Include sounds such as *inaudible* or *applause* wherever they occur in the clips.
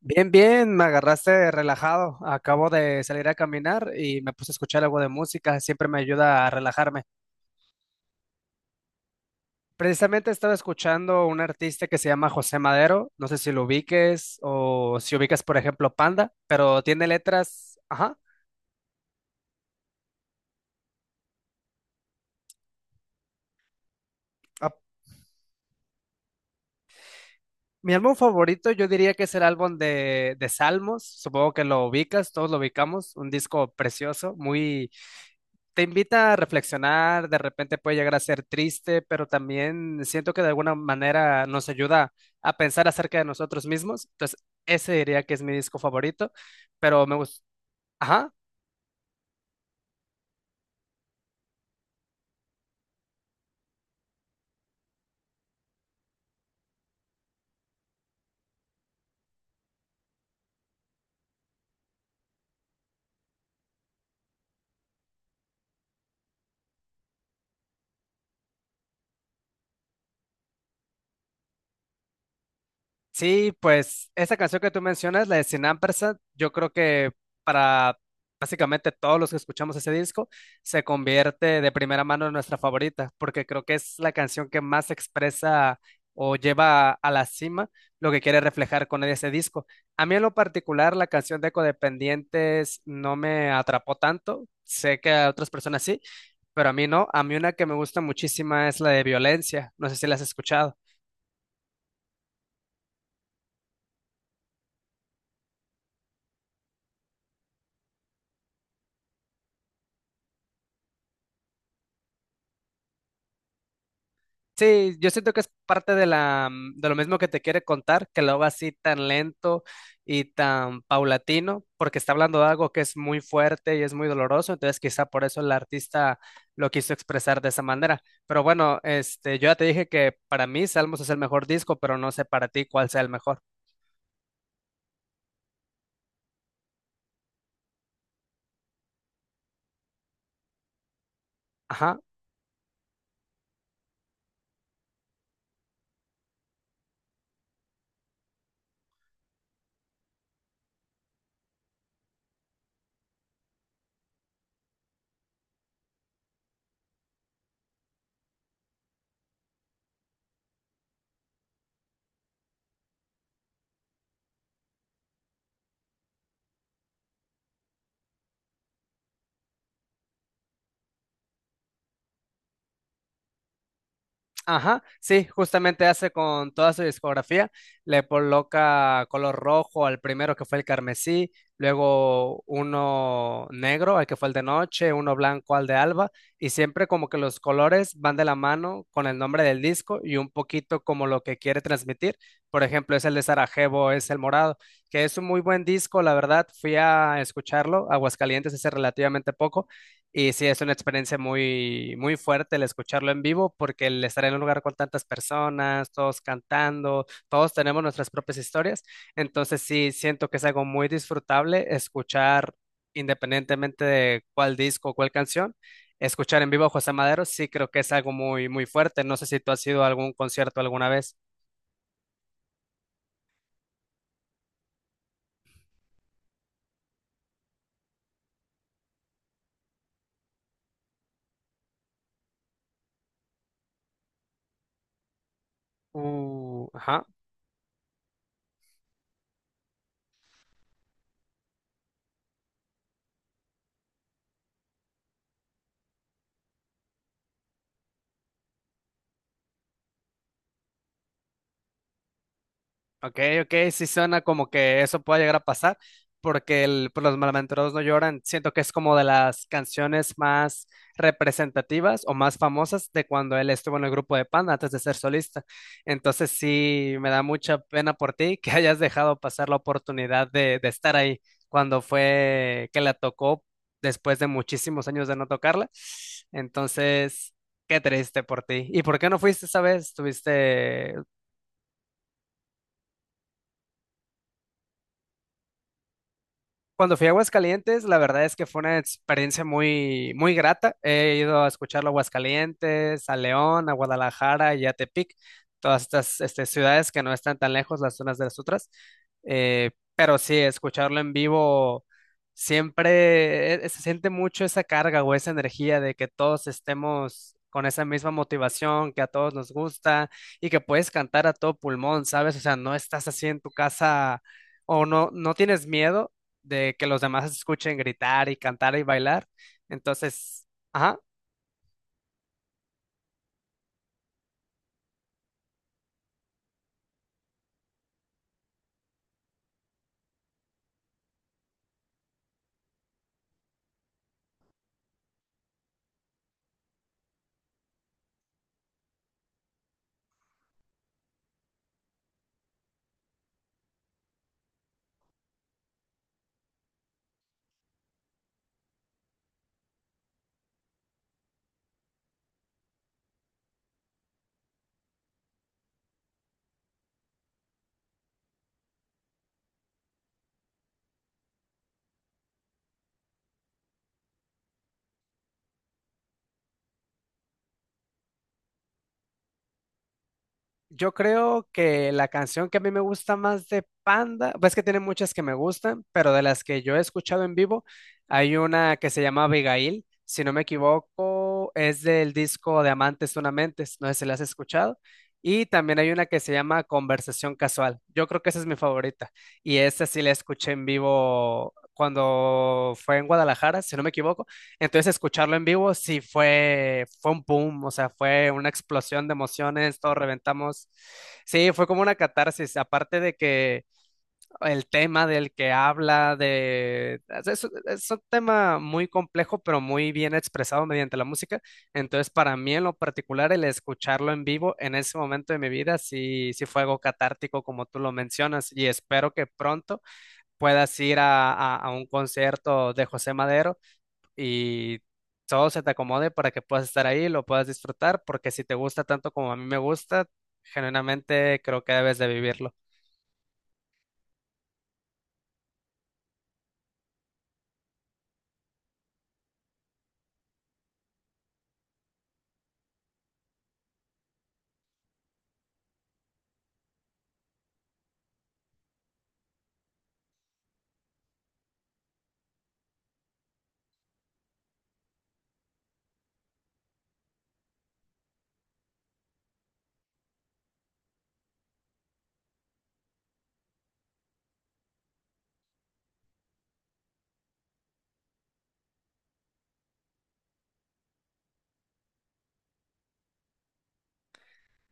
Bien, bien, me agarraste relajado. Acabo de salir a caminar y me puse a escuchar algo de música. Siempre me ayuda a relajarme. Precisamente estaba escuchando un artista que se llama José Madero. No sé si lo ubiques o si ubicas, por ejemplo, Panda, pero tiene letras. Ajá. Ah, mi álbum favorito yo diría que es el álbum de Salmos. Supongo que lo ubicas, todos lo ubicamos. Un disco precioso, muy te invita a reflexionar, de repente puede llegar a ser triste, pero también siento que de alguna manera nos ayuda a pensar acerca de nosotros mismos. Entonces, ese diría que es mi disco favorito, pero me gusta. Sí, pues esa canción que tú mencionas, la de Sin Ampersand, yo creo que para básicamente todos los que escuchamos ese disco, se convierte de primera mano en nuestra favorita, porque creo que es la canción que más expresa o lleva a la cima lo que quiere reflejar con ese disco. A mí en lo particular, la canción de Codependientes no me atrapó tanto, sé que a otras personas sí, pero a mí no. A mí una que me gusta muchísima es la de Violencia, no sé si la has escuchado. Sí, yo siento que es parte de lo mismo que te quiere contar, que lo haga así tan lento y tan paulatino, porque está hablando de algo que es muy fuerte y es muy doloroso, entonces quizá por eso el artista lo quiso expresar de esa manera. Pero bueno, yo ya te dije que para mí Salmos es el mejor disco, pero no sé para ti cuál sea el mejor. Ajá. Ajá, sí, justamente hace con toda su discografía, le coloca color rojo al primero que fue el carmesí, luego uno negro al que fue el de noche, uno blanco al de alba, y siempre como que los colores van de la mano con el nombre del disco y un poquito como lo que quiere transmitir. Por ejemplo, es el de Sarajevo, es el morado, que es un muy buen disco, la verdad, fui a escucharlo, a Aguascalientes hace relativamente poco, y sí, es una experiencia muy, muy fuerte el escucharlo en vivo, porque el estar en un lugar con tantas personas, todos cantando, todos tenemos nuestras propias historias. Entonces sí, siento que es algo muy disfrutable escuchar, independientemente de cuál disco o cuál canción, escuchar en vivo a José Madero, sí creo que es algo muy, muy fuerte. No sé si tú has ido a algún concierto alguna vez. Ajá. Ok, ok, sí suena como que eso pueda llegar a pasar, porque pues, los malaventurados no lloran. Siento que es como de las canciones más representativas o más famosas de cuando él estuvo en el grupo de Panda antes de ser solista. Entonces sí, me da mucha pena por ti que *laughs* hayas dejado pasar la oportunidad de estar ahí cuando fue que la tocó después de muchísimos años de no tocarla. Entonces, qué triste por ti. ¿Y por qué no fuiste esa vez? ¿Tuviste? Cuando fui a Aguascalientes, la verdad es que fue una experiencia muy, muy grata. He ido a escucharlo a Aguascalientes, a León, a Guadalajara y a Tepic, todas estas ciudades que no están tan lejos las unas de las otras. Pero sí, escucharlo en vivo siempre se siente mucho esa carga o esa energía de que todos estemos con esa misma motivación, que a todos nos gusta y que puedes cantar a todo pulmón, ¿sabes? O sea, no estás así en tu casa o no, no tienes miedo de que los demás escuchen gritar y cantar y bailar. Entonces, ajá, yo creo que la canción que a mí me gusta más de Panda, pues que tiene muchas que me gustan, pero de las que yo he escuchado en vivo, hay una que se llama Abigail, si no me equivoco, es del disco de Amantes Tunamentes, no sé si la has escuchado. Y también hay una que se llama Conversación Casual. Yo creo que esa es mi favorita. Y esa sí la escuché en vivo cuando fue en Guadalajara, si no me equivoco. Entonces escucharlo en vivo sí fue un boom, o sea, fue una explosión de emociones, todos reventamos. Sí, fue como una catarsis, aparte de que el tema del que habla, de. Es un tema muy complejo, pero muy bien expresado mediante la música. Entonces, para mí en lo particular, el escucharlo en vivo en ese momento de mi vida sí, sí fue algo catártico, como tú lo mencionas, y espero que pronto puedas ir a un concierto de José Madero y todo se te acomode para que puedas estar ahí, lo puedas disfrutar, porque si te gusta tanto como a mí me gusta, genuinamente creo que debes de vivirlo.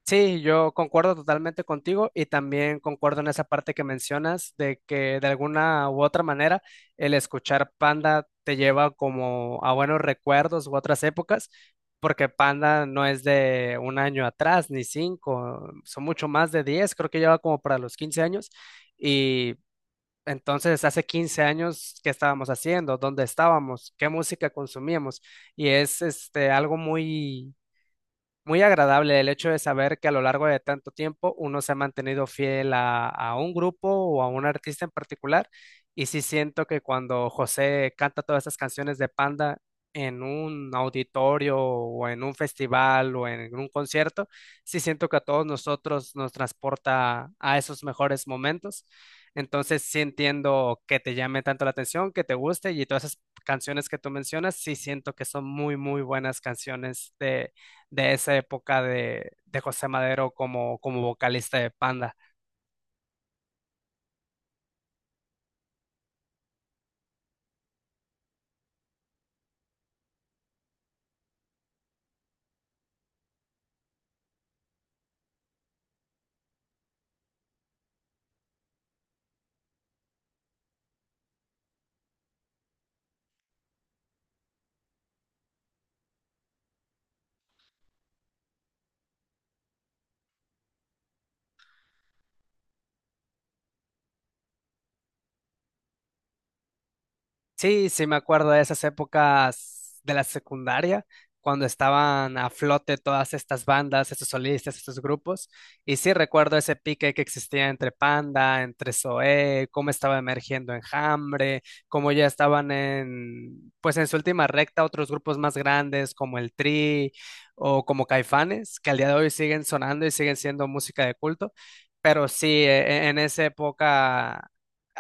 Sí, yo concuerdo totalmente contigo y también concuerdo en esa parte que mencionas de que de alguna u otra manera el escuchar Panda te lleva como a buenos recuerdos u otras épocas, porque Panda no es de un año atrás ni cinco, son mucho más de diez, creo que lleva como para los 15 años y. Entonces, hace 15 años, ¿qué estábamos haciendo? ¿Dónde estábamos? ¿Qué música consumíamos? Y es algo muy muy agradable el hecho de saber que a lo largo de tanto tiempo uno se ha mantenido fiel a un grupo o a un artista en particular. Y sí siento que cuando José canta todas esas canciones de Panda en un auditorio o en un festival o en un concierto, sí siento que a todos nosotros nos transporta a esos mejores momentos. Entonces sí entiendo que te llame tanto la atención, que te guste y todas esas canciones que tú mencionas, sí siento que son muy, muy buenas canciones de esa época de José Madero como vocalista de Panda. Sí, sí me acuerdo de esas épocas de la secundaria, cuando estaban a flote todas estas bandas, estos solistas, estos grupos. Y sí recuerdo ese pique que existía entre Panda, entre Zoé, cómo estaba emergiendo Enjambre, cómo ya estaban pues en su última recta otros grupos más grandes como el Tri o como Caifanes, que al día de hoy siguen sonando y siguen siendo música de culto. Pero sí, en esa época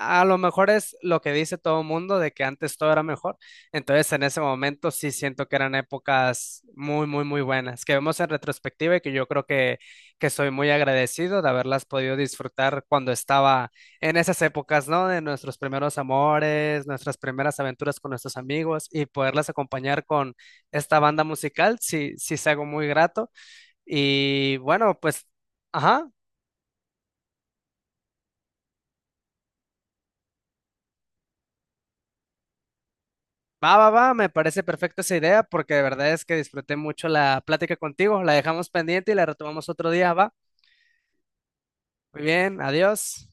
a lo mejor es lo que dice todo el mundo de que antes todo era mejor. Entonces, en ese momento sí siento que eran épocas muy, muy, muy buenas, que vemos en retrospectiva y que yo creo que soy muy agradecido de haberlas podido disfrutar cuando estaba en esas épocas, ¿no? De nuestros primeros amores, nuestras primeras aventuras con nuestros amigos y poderlas acompañar con esta banda musical, sí, sí es algo muy grato. Y bueno, pues, ajá. Va, va, va, me parece perfecta esa idea porque de verdad es que disfruté mucho la plática contigo. La dejamos pendiente y la retomamos otro día, va. Muy bien, adiós.